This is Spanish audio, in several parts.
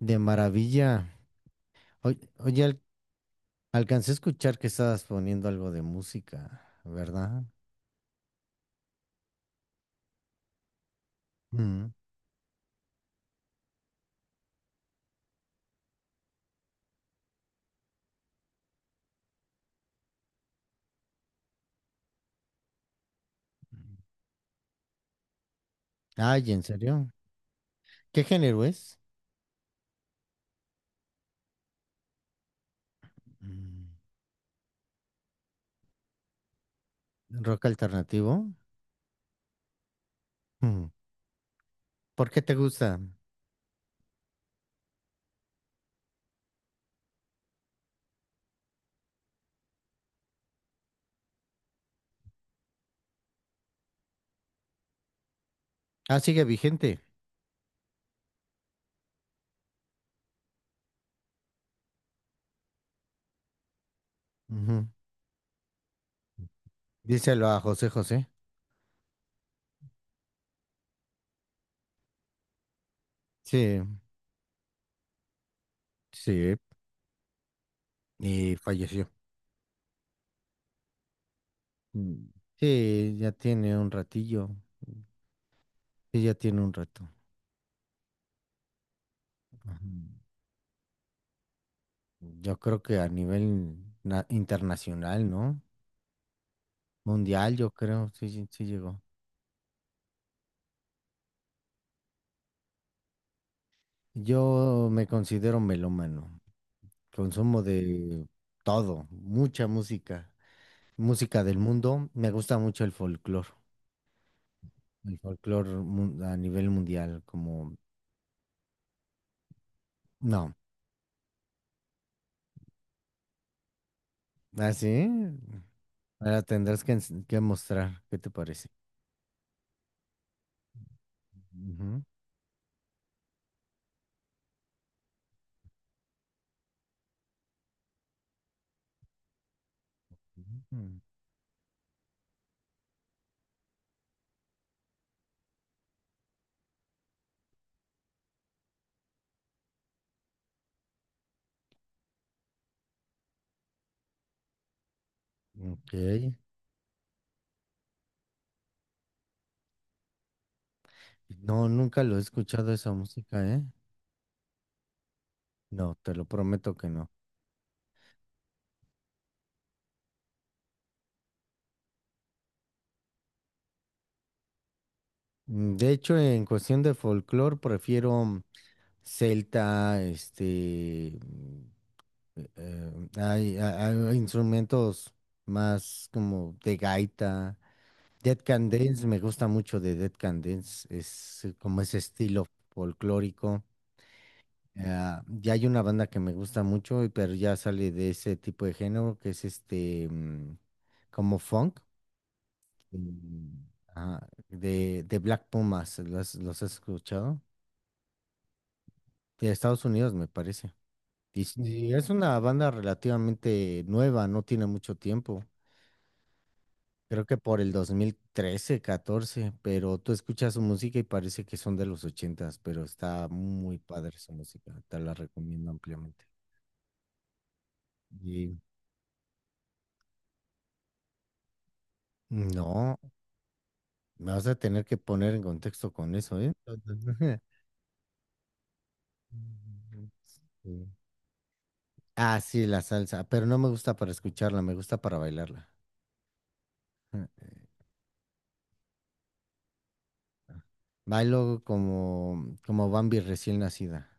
De maravilla. Oye, alcancé a escuchar que estabas poniendo algo de música, ¿verdad? Mm. Ay, ¿en serio? ¿Qué género es? Mm. ¿Rock alternativo? Mm. ¿Por qué te gusta? Ah, sigue vigente. Ujú. Díselo a José José. Sí, sí. Y falleció. Mm. Sí, ya tiene un ratillo. Sí, ya tiene un rato. Ujú. Yo creo que a nivel internacional, ¿no? Mundial, yo creo, sí, sí, sí llegó. Yo me considero melómano, consumo de todo, mucha música, música del mundo. Me gusta mucho el folclore, a nivel mundial, como, no, así, ahora tendrás que, que mostrar, ¿qué te parece? Ujú, ujú. Ok, no, nunca lo he escuchado esa música, ¿eh? No, te lo prometo que no. De hecho, en cuestión de folclore, prefiero... celta, este, hay instrumentos más como de gaita. Dead Can Dance, me gusta mucho de Dead Can Dance, es como ese estilo folclórico. Ah, ya hay una banda que me gusta mucho, pero ya sale de ese tipo de género, que es este, como funk, mm, ajá, de Black Pumas, ¿los has escuchado? De Estados Unidos, me parece. Y sí, es una banda relativamente nueva, no tiene mucho tiempo. Creo que por el 2013, 14, pero tú escuchas su música y parece que son de los 80s, pero está muy padre su música, te la recomiendo ampliamente. Y no, me vas a tener que poner en contexto con eso, ¿eh? Sí. Ah, sí, la salsa, pero no me gusta para escucharla, me gusta para bailarla. Bailo como Bambi recién nacida.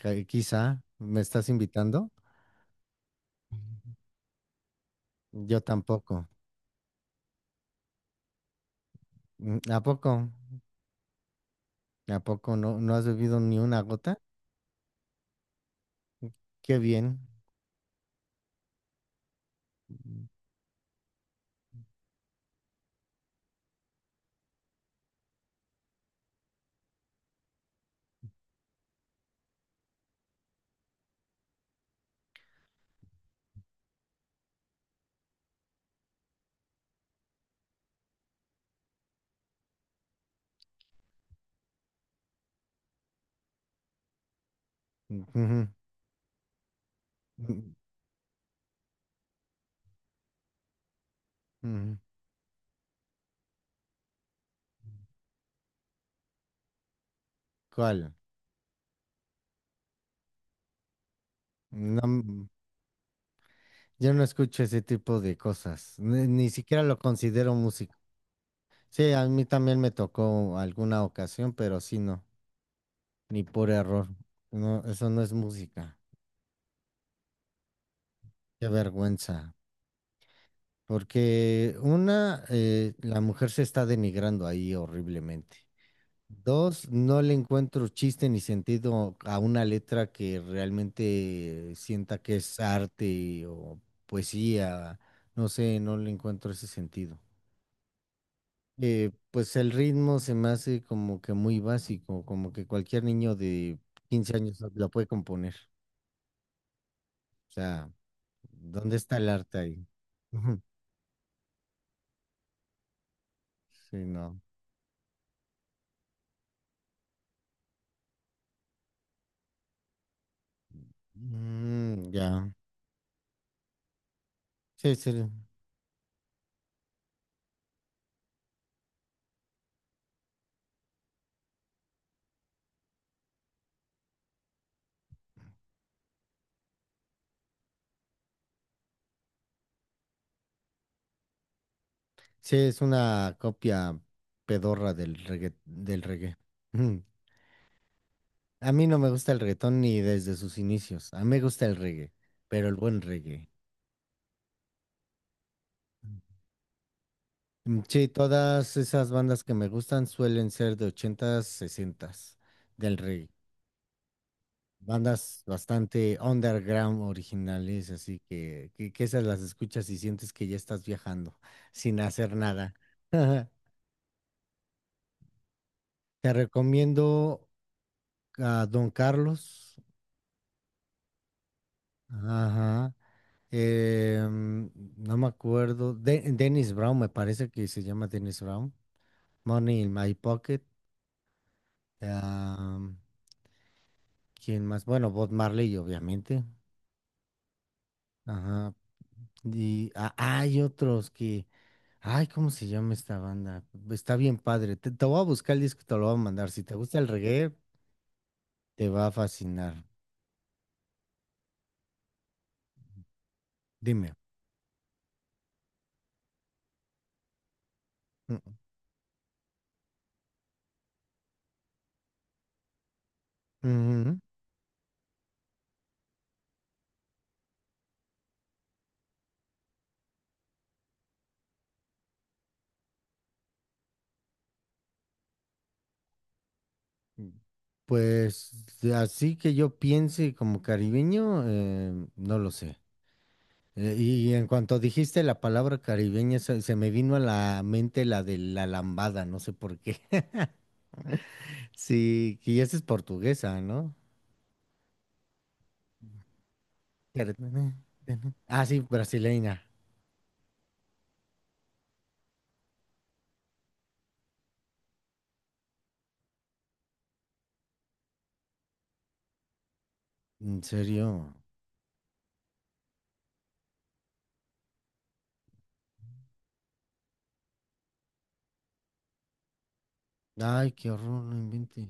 Quizá, ¿me estás invitando? Yo tampoco. ¿A poco? ¿A poco no, no has bebido ni una gota? Qué bien. Mm, ujú, mm, ujú. ¿Cuál? No, yo no escucho ese tipo de cosas. Ni siquiera lo considero música. Sí, a mí también me tocó alguna ocasión, pero sí no, ni por error. No, eso no es música. Qué vergüenza. Porque una, la mujer se está denigrando ahí horriblemente. Dos, no le encuentro chiste ni sentido a una letra que realmente sienta que es arte o poesía. No sé, no le encuentro ese sentido. Pues el ritmo se me hace como que muy básico, como que cualquier niño de 15 años lo puede componer. O sea, ¿dónde está el arte ahí? Ujú. Sí, no. Mm, ya. Sí, sí. Sí, es una copia pedorra del reggae, del reggae. Ujú. A mí no me gusta el reggaetón ni desde sus inicios. A mí me gusta el reggae, pero el buen reggae. Mm, sí, todas esas bandas que me gustan suelen ser de 80s 60s del reggae. Bandas bastante underground originales, así que esas las escuchas y sientes que ya estás viajando sin hacer nada. Te recomiendo a Don Carlos. Ajá. No me acuerdo. Dennis Brown, me parece que se llama Dennis Brown. Money in My Pocket. ah, ¿Quién más? Bueno, Bob Marley, obviamente. Ajá. Y hay otros que. Ay, ¿cómo se llama esta banda? Está bien padre. Te voy a buscar el disco y te lo voy a mandar. Si te gusta el reggae, te va a fascinar. Dime. Mm, ujú. mm, Pues así que yo piense como caribeño, no lo sé. Y en cuanto dijiste la palabra caribeña, se me vino a la mente la de la lambada, no sé por qué. Sí, que esa es portuguesa, ¿no? Pero- Ah, sí, brasileña. ¿En serio? Ay, qué horror, no inventes.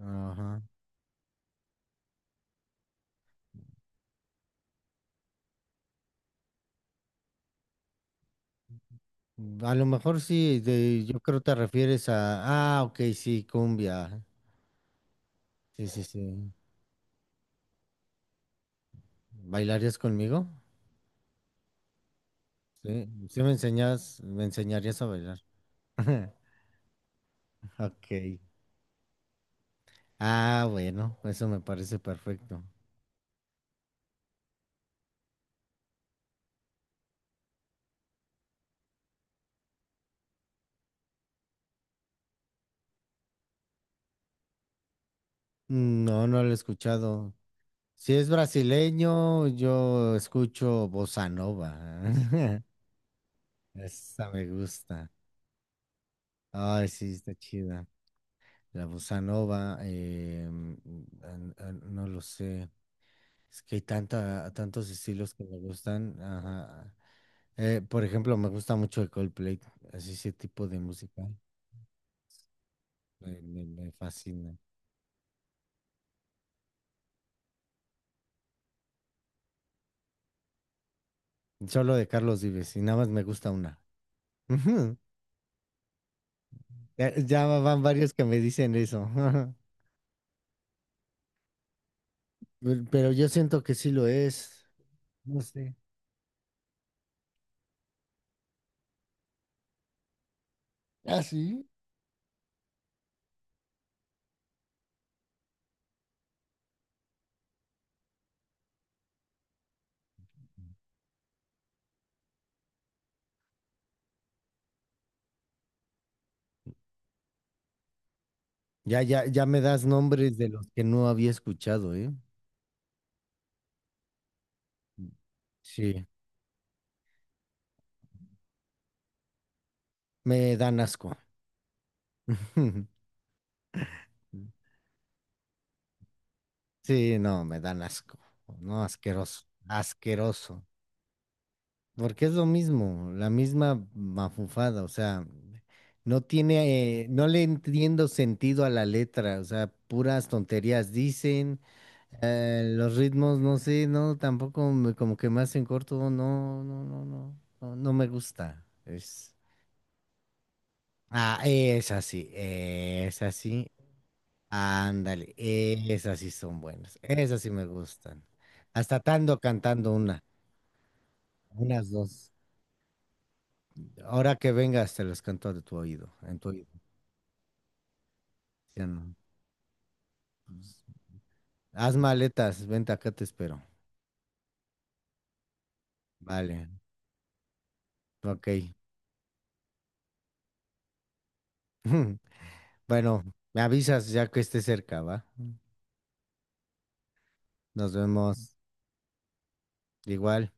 Ajá. A lo mejor sí, yo creo te refieres a... Ah, ok, sí, cumbia. Sí, sí, sí. ¿Bailarías conmigo? Sí, sí me enseñas, me enseñarías a bailar. Ok. Ah, bueno, eso me parece perfecto. No, no lo he escuchado. Si es brasileño, yo escucho bossa nova. Esa me gusta. Ay, sí, está chida. La bossa nova, no lo sé. Es que hay tantos estilos que me gustan. Ajá. Por ejemplo, me gusta mucho el Coldplay, así ese tipo de música. Me fascina. Solo de Carlos Vives y nada más me gusta una. Ujú. Ya, ya van varios que me dicen eso. Pero yo siento que sí lo es. No sé. Ah, sí. Ya, ya, ya me das nombres de los que no había escuchado, ¿eh? Sí, me dan asco. Sí, no, me dan asco. No, asqueroso. Asqueroso. Porque es lo mismo, la misma mafufada, o sea, no tiene, no le entiendo sentido a la letra, o sea, puras tonterías dicen, los ritmos, no sé, no, tampoco como que me hacen corto, no, no, no, no, no, no me gusta. Es así, es así, ándale, esas sí son buenas, esas sí me gustan. Hasta tando cantando una, unas dos. Ahora que vengas, te las canto de tu oído, en tu oído. Ya no, pues, haz maletas, vente acá, te espero. Vale, ok. Bueno, me avisas ya que esté cerca, ¿va? Nos vemos igual.